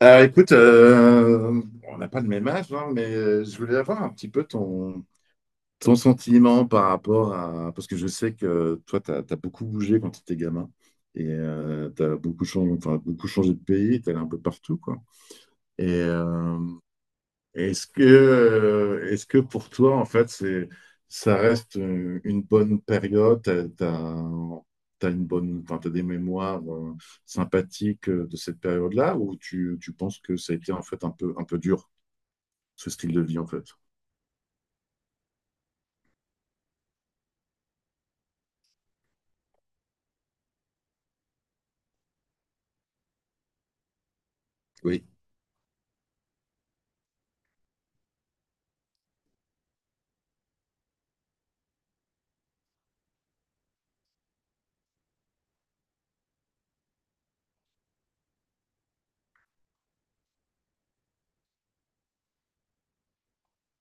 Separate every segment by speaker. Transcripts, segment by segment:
Speaker 1: Alors écoute, on n'a pas le même âge, hein, mais je voulais avoir un petit peu ton sentiment par rapport à. Parce que je sais que toi, tu as beaucoup bougé quand tu étais gamin. Et tu as beaucoup changé, enfin, beaucoup changé de pays, tu allé un peu partout, quoi. Et est-ce que pour toi, en fait, ça reste une bonne période, enfin, t'as des mémoires sympathiques de cette période-là, ou tu penses que ça a été en fait un peu dur, ce style de vie, en fait? Oui.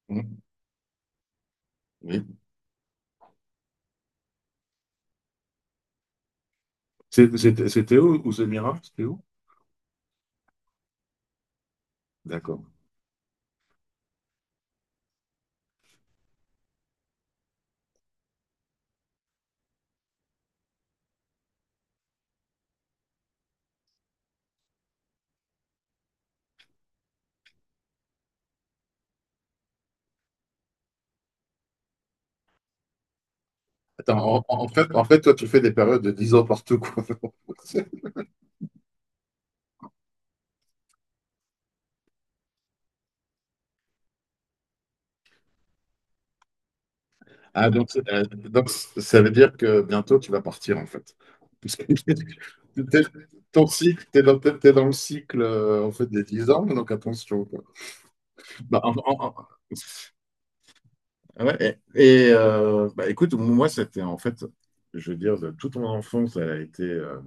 Speaker 1: Mhm. Oui. C'était où? D'accord. Attends, en fait, toi, tu fais des périodes de 10 ans partout, quoi. Ah, donc, ça veut dire que bientôt, tu vas partir, en fait. Parce que t'es- ton cycle, t'es dans le cycle, en fait, des 10 ans, donc attention, quoi. Bah, ouais, bah, écoute, moi, c'était en fait, je veux dire, de toute mon enfance,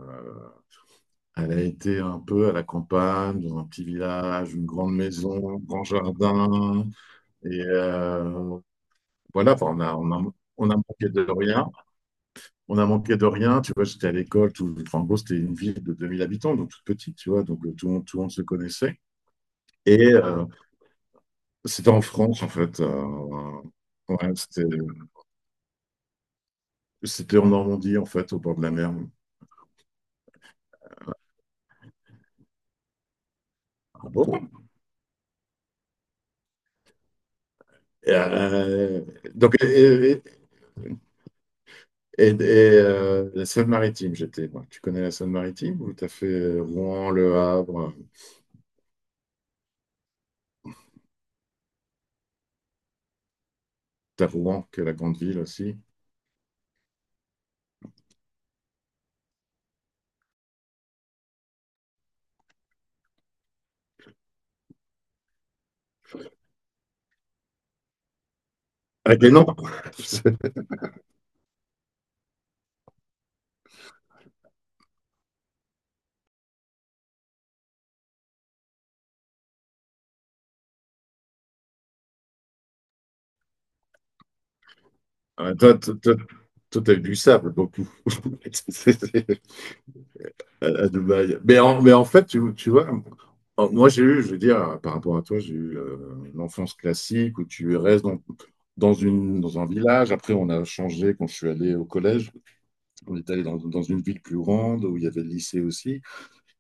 Speaker 1: elle a été un peu à la campagne, dans un petit village, une grande maison, un grand jardin. Et, euh, Voilà, enfin, on a manqué de rien. On a manqué de rien. Tu vois, j'étais à l'école. Tout, enfin, en gros, c'était une ville de 2000 habitants, donc toute petite, tu vois. Donc, tout le monde se connaissait. Et euh, c'était en France, en fait. Ouais, c'était en Normandie, en fait, au bord de la mer. Ah bon? Et, euh, donc, la Seine-Maritime, j'étais, moi. Tu connais la Seine-Maritime? Ou t'as fait Rouen, Le Havre? T'as Rouen, qui est la grande ville aussi. Avec les noms. Ah, toi, t'as eu du sable beaucoup C'est- c'est- à Dubaï. Mais en fait, tu vois, moi j'ai eu, je veux dire, par rapport à toi, j'ai eu l'enfance classique où tu restes dans un village. Après, on a changé quand je suis allé au collège. On est allé dans une ville plus grande où il y avait le lycée aussi.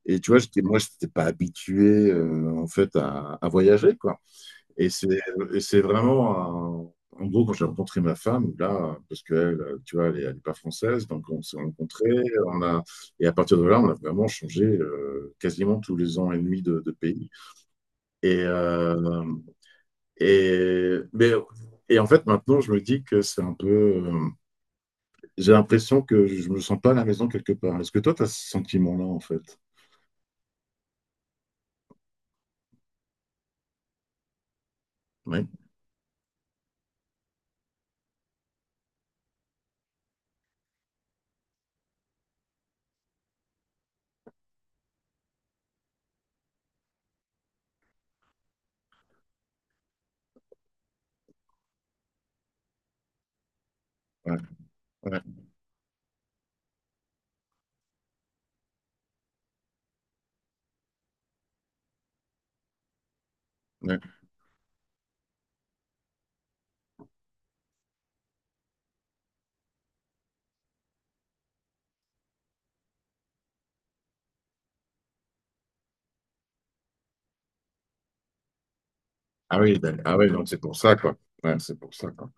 Speaker 1: Et tu vois, moi, je n'étais pas habitué en fait à voyager, quoi. Et c'est et c'est vraiment un- En gros, quand j'ai rencontré ma femme, là, parce qu'elle, tu vois, elle n'est pas française, donc on s'est rencontrés, on a, et à partir de là, on a vraiment changé quasiment tous les ans et demi de pays. Et, euh, et, mais, et en fait, maintenant, je me dis que c'est un peu. J'ai l'impression que je me sens pas à la maison quelque part. Est-ce que toi, tu as ce sentiment-là, en fait? Oui. Ouais, ouais, ouais. Ah oui, donc c'est pour ça, quoi. Ouais, c'est pour ça, quoi.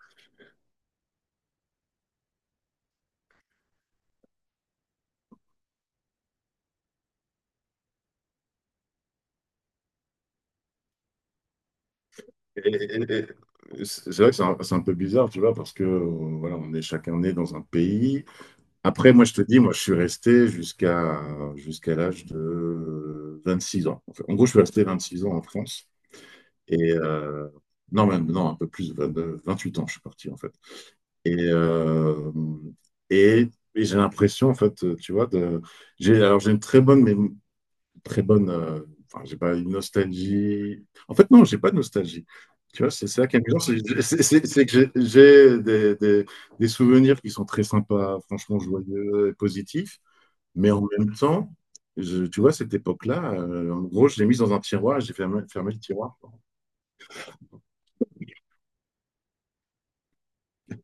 Speaker 1: Et- et- et- c'est vrai que c'est un peu bizarre, tu vois, parce que voilà, on est chacun né dans un pays. Après, moi, je te dis, moi, je suis resté jusqu'à jusqu'à l'âge de six ans. En fait, en gros, je suis resté vingt six ans en France. Et euh, non, même, non, un peu plus, vingt huit ans, je suis parti, en fait. Et, euh, et, et j'ai l'impression, en fait, tu vois, alors j'ai une très bonne mémoire, très bonne. Enfin, j'ai pas une nostalgie. En fait, non, j'ai pas de nostalgie. Tu vois, c'est ça qui est amusant, c'est que j'ai des souvenirs qui sont très sympas, franchement joyeux et positifs, mais en même temps, tu vois, cette époque-là, en gros, je l'ai mise dans un tiroir, et j'ai fermé le tiroir.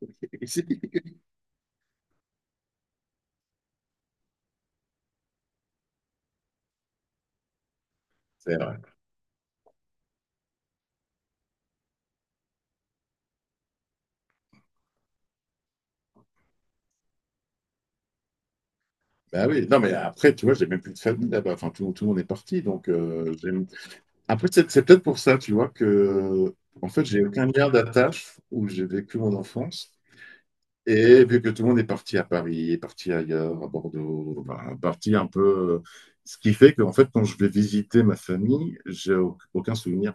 Speaker 1: C'est vrai. Bah oui, non, mais après, tu vois, j'ai même plus de famille là-bas, enfin, tout le monde est parti, donc. Après, c'est peut-être pour ça, tu vois, que, en fait, j'ai aucun lien d'attache où j'ai vécu mon enfance. Et vu que tout le monde est parti à Paris, est parti ailleurs, à Bordeaux, bah, parti un peu. Ce qui fait qu'en fait, quand je vais visiter ma famille, j'ai aucun souvenir.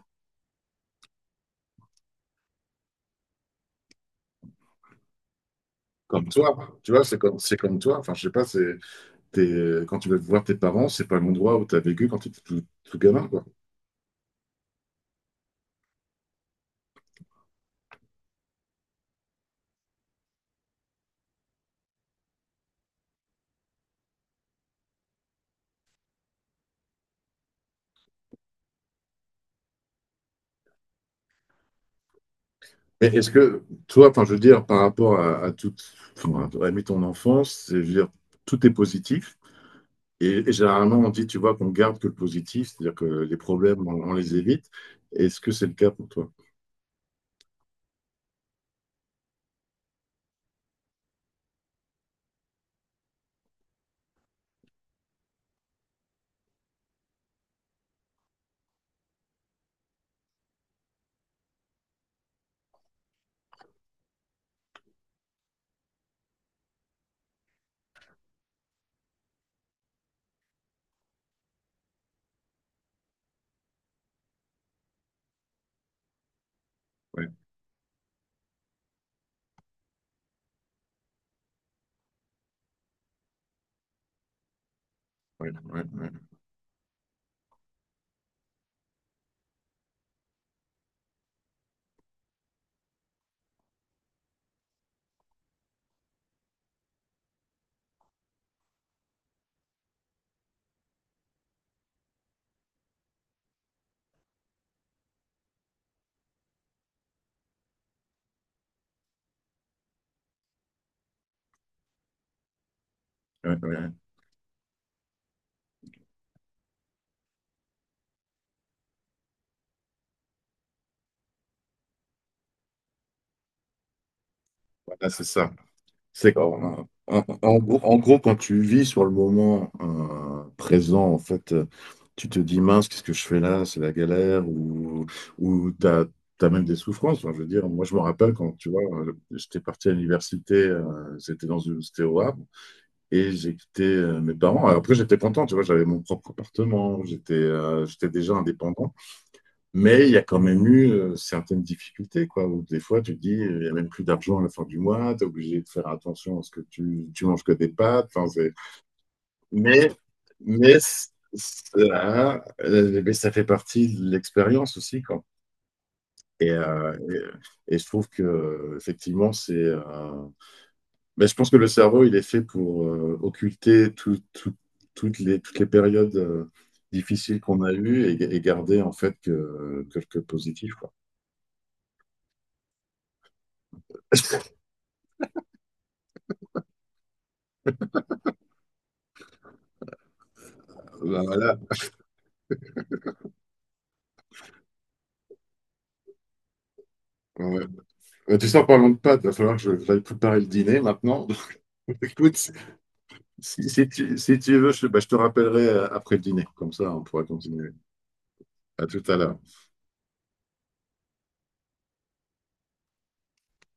Speaker 1: Comme toi, tu vois, c'est comme toi. Enfin, je sais pas, quand tu vas voir tes parents, c'est pas l'endroit où tu as vécu quand tu étais tout, tout gamin, quoi. Et est-ce que toi, enfin, je veux dire, par rapport à toute, enfin, à ton enfance, je veux dire, tout est positif. Et généralement, on dit, tu vois, qu'on garde que le positif, c'est-à-dire que les problèmes, on les évite. Est-ce que c'est le cas pour toi? Ouais, ouais, ouais, ouais, ouais, ouais. Ouais. Voilà, c'est ça. C'est en gros, quand tu vis sur le moment présent, en fait, tu te dis mince, qu'est-ce que je fais là? C'est la galère ou t'as as même des souffrances. Enfin, je veux dire, moi, je me rappelle quand tu vois, j'étais parti à l'université, c'était au Havre et j'ai quitté mes parents. Alors, après, j'étais content, tu vois, j'avais mon propre appartement, j'étais déjà indépendant. Mais il y a quand même eu certaines difficultés, quoi, où des fois tu te dis, il n'y a même plus d'argent à la fin du mois, tu es obligé de faire attention à ce que tu manges que des pâtes. Enfin, mais, mais, c- mais ça fait partie de l'expérience aussi, quoi. Et, euh, et je trouve que, effectivement, c'est. Mais je pense que le cerveau, il est fait pour occulter toutes les périodes difficiles qu'on a eues et garder, en fait, que positif, quoi. Bah, voilà, ouais. Ouais. Bah, tu sais, en parlant de pâtes, il va falloir que je j'aille préparer le dîner maintenant. Donc, écoute, si tu veux, bah, je te rappellerai après le dîner. Comme ça, on pourra continuer. À tout à l'heure.